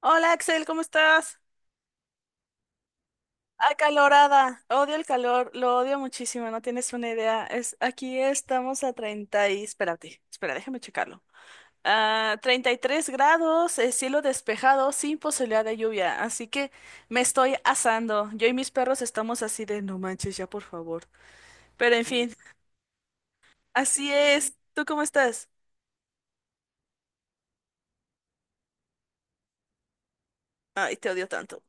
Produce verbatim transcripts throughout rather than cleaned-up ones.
Hola Axel, ¿cómo estás? Acalorada, odio el calor, lo odio muchísimo, no tienes una idea. Es, aquí estamos a treinta y— Espérate, espera, déjame checarlo. A treinta y tres grados, eh, cielo despejado, sin posibilidad de lluvia, así que me estoy asando. Yo y mis perros estamos así de no manches ya, por favor. Pero en fin, así es. ¿Tú cómo estás? Ay, te odio tanto.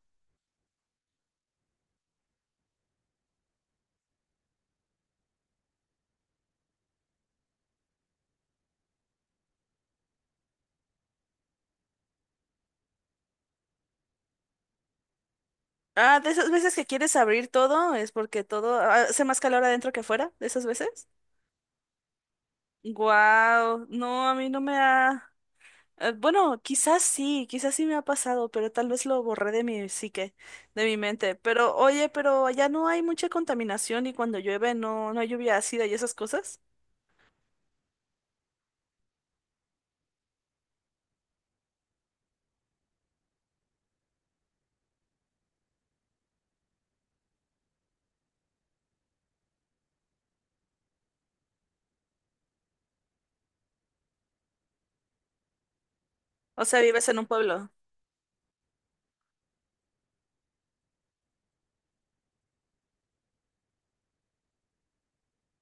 Ah, de esas veces que quieres abrir todo, es porque todo ah, hace más calor adentro que afuera, de esas veces. Wow, no, a mí no me ha— eh, bueno, quizás sí, quizás sí me ha pasado, pero tal vez lo borré de mi psique, de mi mente. Pero oye, pero allá no hay mucha contaminación y cuando llueve no, no hay lluvia ácida y esas cosas. O sea, vives en un pueblo,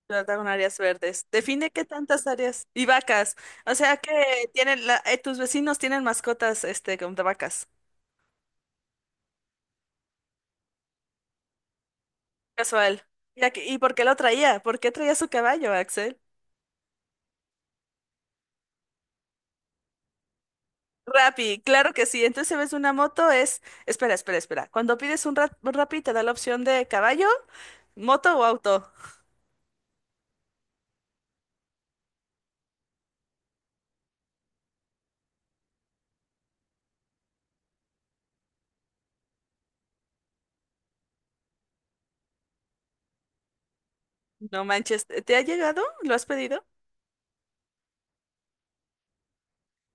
¿verdad? Con áreas verdes. Define qué tantas áreas y vacas. O sea que tienen la- eh, tus vecinos tienen mascotas, este, como de vacas. Casual. ¿Y, aquí- y por qué lo traía? ¿Por qué traía su caballo, Axel? Rappi, claro que sí. Entonces si ves una moto, es, espera, espera, espera. Cuando pides un, ra- un Rappi te da la opción de caballo, moto o auto. No manches, ¿te te ha llegado? ¿Lo has pedido?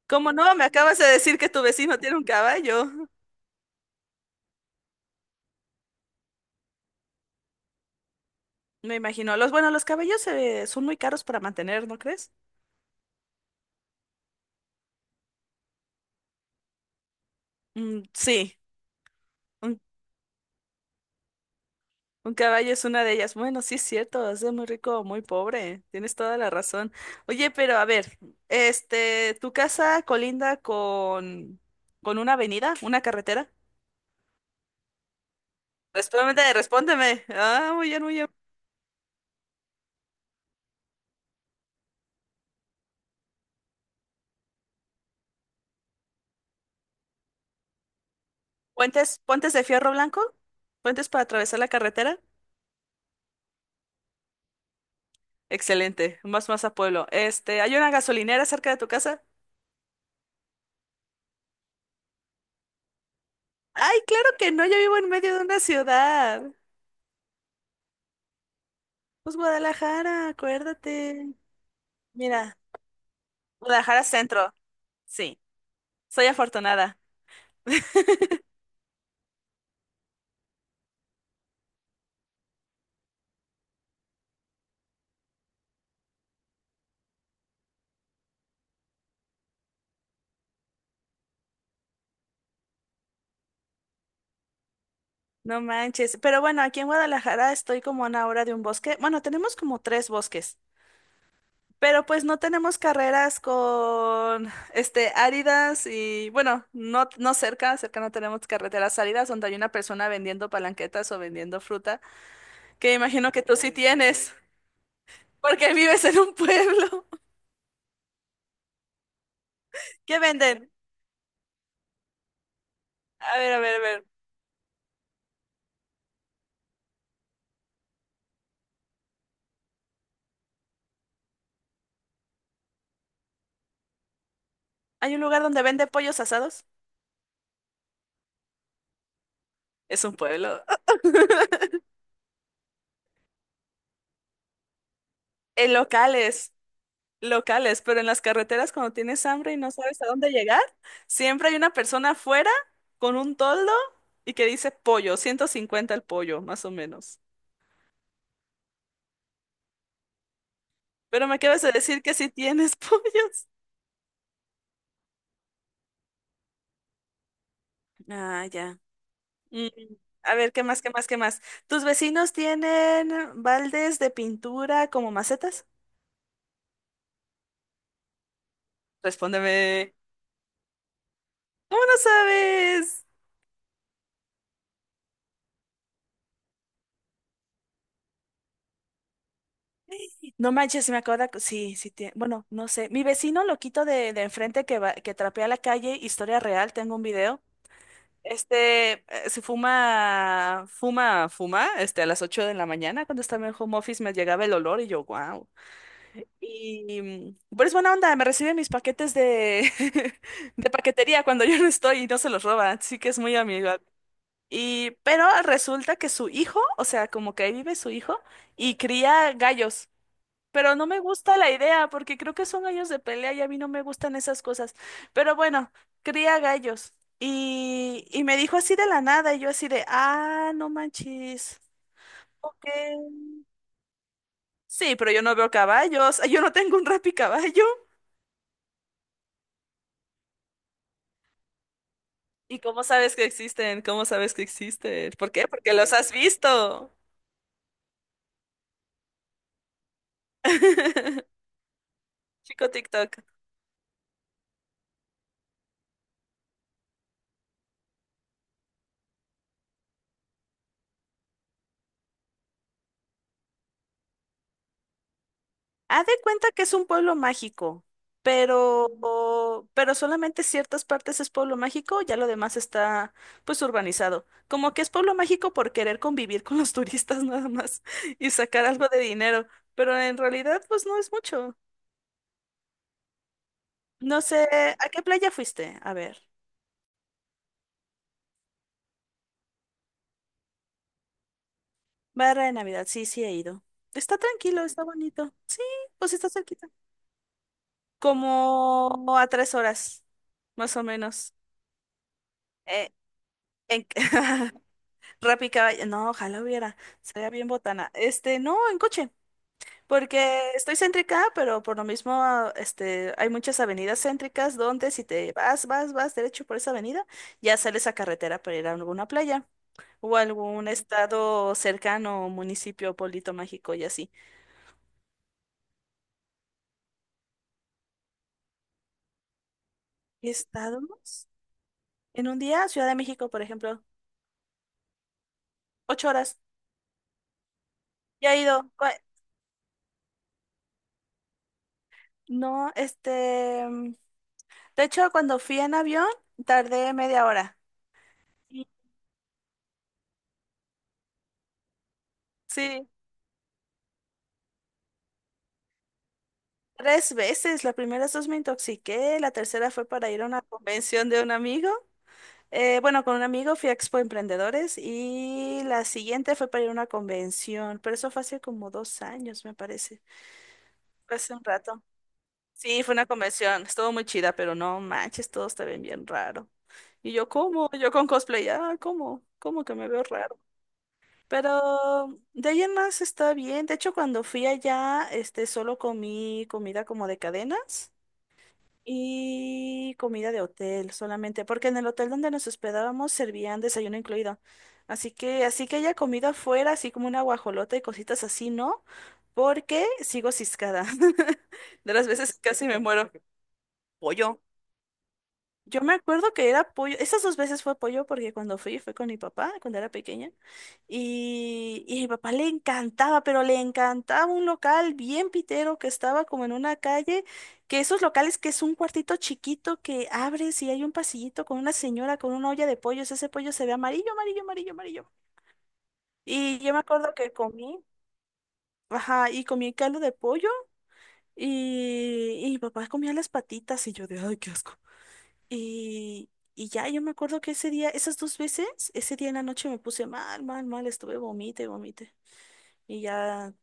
¿Cómo no? Me acabas de decir que tu vecino tiene un caballo. Me imagino. Los, bueno, los caballos eh, son muy caros para mantener, ¿no crees? Mm, sí. Mm, Un caballo es una de ellas. Bueno, sí es cierto, es de muy rico o muy pobre. Tienes toda la razón. Oye, pero a ver, este, ¿tu casa colinda con, con una avenida, una carretera? Respóndeme, respóndeme. Ah, muy bien, muy bien. ¿Puentes, puentes de fierro blanco? ¿Puentes para atravesar la carretera? Excelente, más más a pueblo. Este, ¿hay una gasolinera cerca de tu casa? Ay, claro que no, yo vivo en medio de una ciudad. Pues Guadalajara, acuérdate. Mira, Guadalajara Centro. Sí. Soy afortunada. No manches. Pero bueno, aquí en Guadalajara estoy como a una hora de un bosque. Bueno, tenemos como tres bosques, pero pues no tenemos carreras con este áridas y bueno, no, no cerca, cerca no tenemos carreteras áridas donde hay una persona vendiendo palanquetas o vendiendo fruta, que imagino que tú sí tienes, porque vives en un pueblo. ¿Qué venden? A ver, a ver, a ver. ¿Hay un lugar donde vende pollos asados? Es un pueblo. En locales. Locales, pero en las carreteras cuando tienes hambre y no sabes a dónde llegar, siempre hay una persona afuera con un toldo y que dice pollo, ciento cincuenta el pollo, más o menos. Pero me acabas de decir que sí tienes pollos. Ah, ya. Mm, A ver, ¿qué más, qué más, qué más? ¿Tus vecinos tienen baldes de pintura como macetas? Respóndeme. ¿Cómo no sabes? No manches, se me acaba de— Sí, sí, tie- bueno, no sé. Mi vecino loquito de, de enfrente que, va, que trapea la calle, historia real, tengo un video. Este, eh, se fuma, fuma, fuma, este, a las ocho de la mañana cuando estaba en home office me llegaba el olor y yo, wow. Y, mm, pero es buena onda, me recibe mis paquetes de, de paquetería cuando yo no estoy y no se los roba, así que es muy amigo. Y, pero resulta que su hijo, o sea, como que ahí vive su hijo y cría gallos. Pero no me gusta la idea, porque creo que son gallos de pelea y a mí no me gustan esas cosas. Pero bueno, cría gallos. Y, y me dijo así de la nada, y yo así de, ah, no manches. Ok. Sí, pero yo no veo caballos. Yo no tengo un caballo. ¿Y cómo sabes que existen? ¿Cómo sabes que existen? ¿Por qué? Porque los has visto. Chico TikTok. Haz de cuenta que es un pueblo mágico, pero, o- pero solamente ciertas partes es pueblo mágico, ya lo demás está pues urbanizado. Como que es pueblo mágico por querer convivir con los turistas nada más y sacar algo de dinero, pero en realidad pues no es mucho. No sé, ¿a qué playa fuiste? A ver, Barra de Navidad, sí, sí he ido. Está tranquilo, está bonito. Sí, pues está cerquita. Como a tres horas, más o menos. Eh, en... Rappi caballo. No, ojalá hubiera. Sería bien botana. Este, no, en coche. Porque estoy céntrica, pero por lo mismo, este, hay muchas avenidas céntricas donde si te vas, vas, vas derecho por esa avenida, ya sales a carretera para ir a alguna playa o algún estado cercano, municipio, pueblito mágico y así. ¿Estados? En un día, Ciudad de México, por ejemplo, ocho horas. Ya he ido. Cua- No, este, de hecho, cuando fui en avión, tardé media hora. Sí, tres veces, las primeras dos me intoxiqué, la tercera fue para ir a una convención de un amigo. Eh, bueno, con un amigo fui a Expo Emprendedores y la siguiente fue para ir a una convención, pero eso fue hace como dos años, me parece. Fue hace un rato. Sí, fue una convención, estuvo muy chida, pero no manches, todo está bien, bien raro. Y yo, ¿cómo? Yo con cosplay, ah, ¿cómo? ¿Cómo que me veo raro? Pero de ahí en más está bien. De hecho, cuando fui allá, este, solo comí comida como de cadenas. Y comida de hotel solamente, porque en el hotel donde nos hospedábamos servían desayuno incluido. Así que, así que haya comido afuera, así como una guajolota y cositas así, ¿no? Porque sigo ciscada. De las veces casi me muero. Pollo. Yo me acuerdo que era pollo, esas dos veces fue pollo porque cuando fui fue con mi papá cuando era pequeña y, y a mi papá le encantaba, pero le encantaba un local bien pitero que estaba como en una calle, que esos locales que es un cuartito chiquito que abres y hay un pasillito con una señora con una olla de pollos, ese pollo se ve amarillo, amarillo, amarillo, amarillo. Y yo me acuerdo que comí, ajá, y comí caldo de pollo y, y mi papá comía las patitas y yo de, ay, qué asco. Y, y ya yo me acuerdo que ese día, esas dos veces, ese día en la noche me puse mal, mal, mal, estuve vomite, y vomite. Y ya,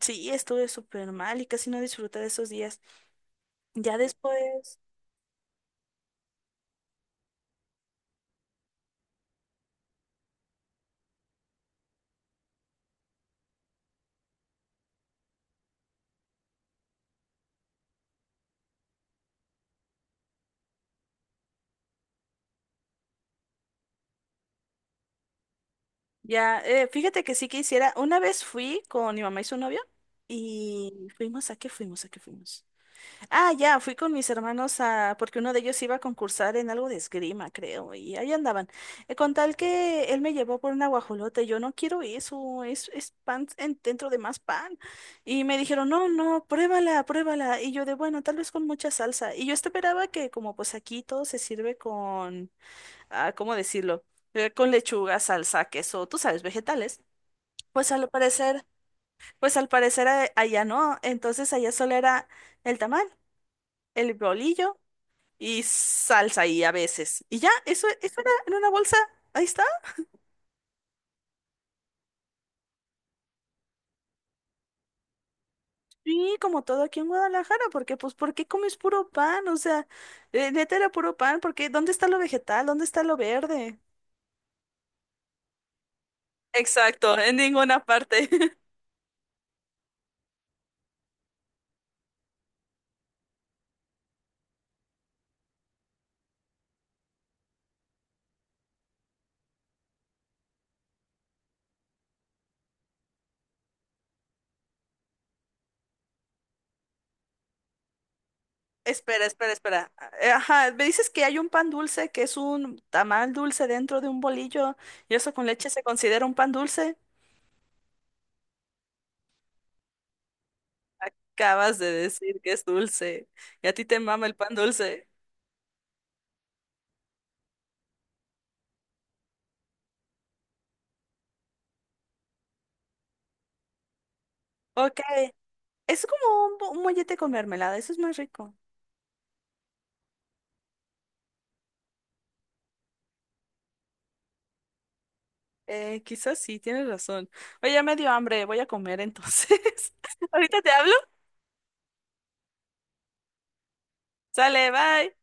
sí, estuve súper mal y casi no disfruté de esos días. Ya después, ya, eh, fíjate que sí que hiciera, una vez fui con mi mamá y su novio y fuimos a qué fuimos, a qué fuimos. Ah, ya, fui con mis hermanos a, porque uno de ellos iba a concursar en algo de esgrima, creo, y ahí andaban. Eh, con tal que él me llevó por una guajolota, y yo no quiero eso, es, es pan en- dentro de más pan. Y me dijeron, no, no, pruébala, pruébala. Y yo de, bueno, tal vez con mucha salsa. Y yo esperaba que como pues aquí todo se sirve con, ah, ¿cómo decirlo? Eh, con lechuga, salsa, queso, tú sabes, vegetales. Pues al parecer, pues al parecer eh, allá no, entonces allá solo era el tamal, el bolillo y salsa y a veces. Y ya, eso, eso era en una bolsa. Ahí está. Sí, como todo aquí en Guadalajara, porque pues, ¿por qué comes puro pan? O sea, eh, neta era puro pan, porque ¿dónde está lo vegetal? ¿Dónde está lo verde? Exacto, en ninguna parte. Espera, espera, espera. Eh, Ajá, me dices que hay un pan dulce, que es un tamal dulce dentro de un bolillo, y eso con leche se considera un pan dulce. Acabas de decir que es dulce, y a ti te mama el pan dulce. Ok. Es como un, bo- un mollete con mermelada, eso es más rico. Eh, quizás sí, tienes razón. Oye, ya me dio hambre, voy a comer entonces. Ahorita te hablo. Sale, bye.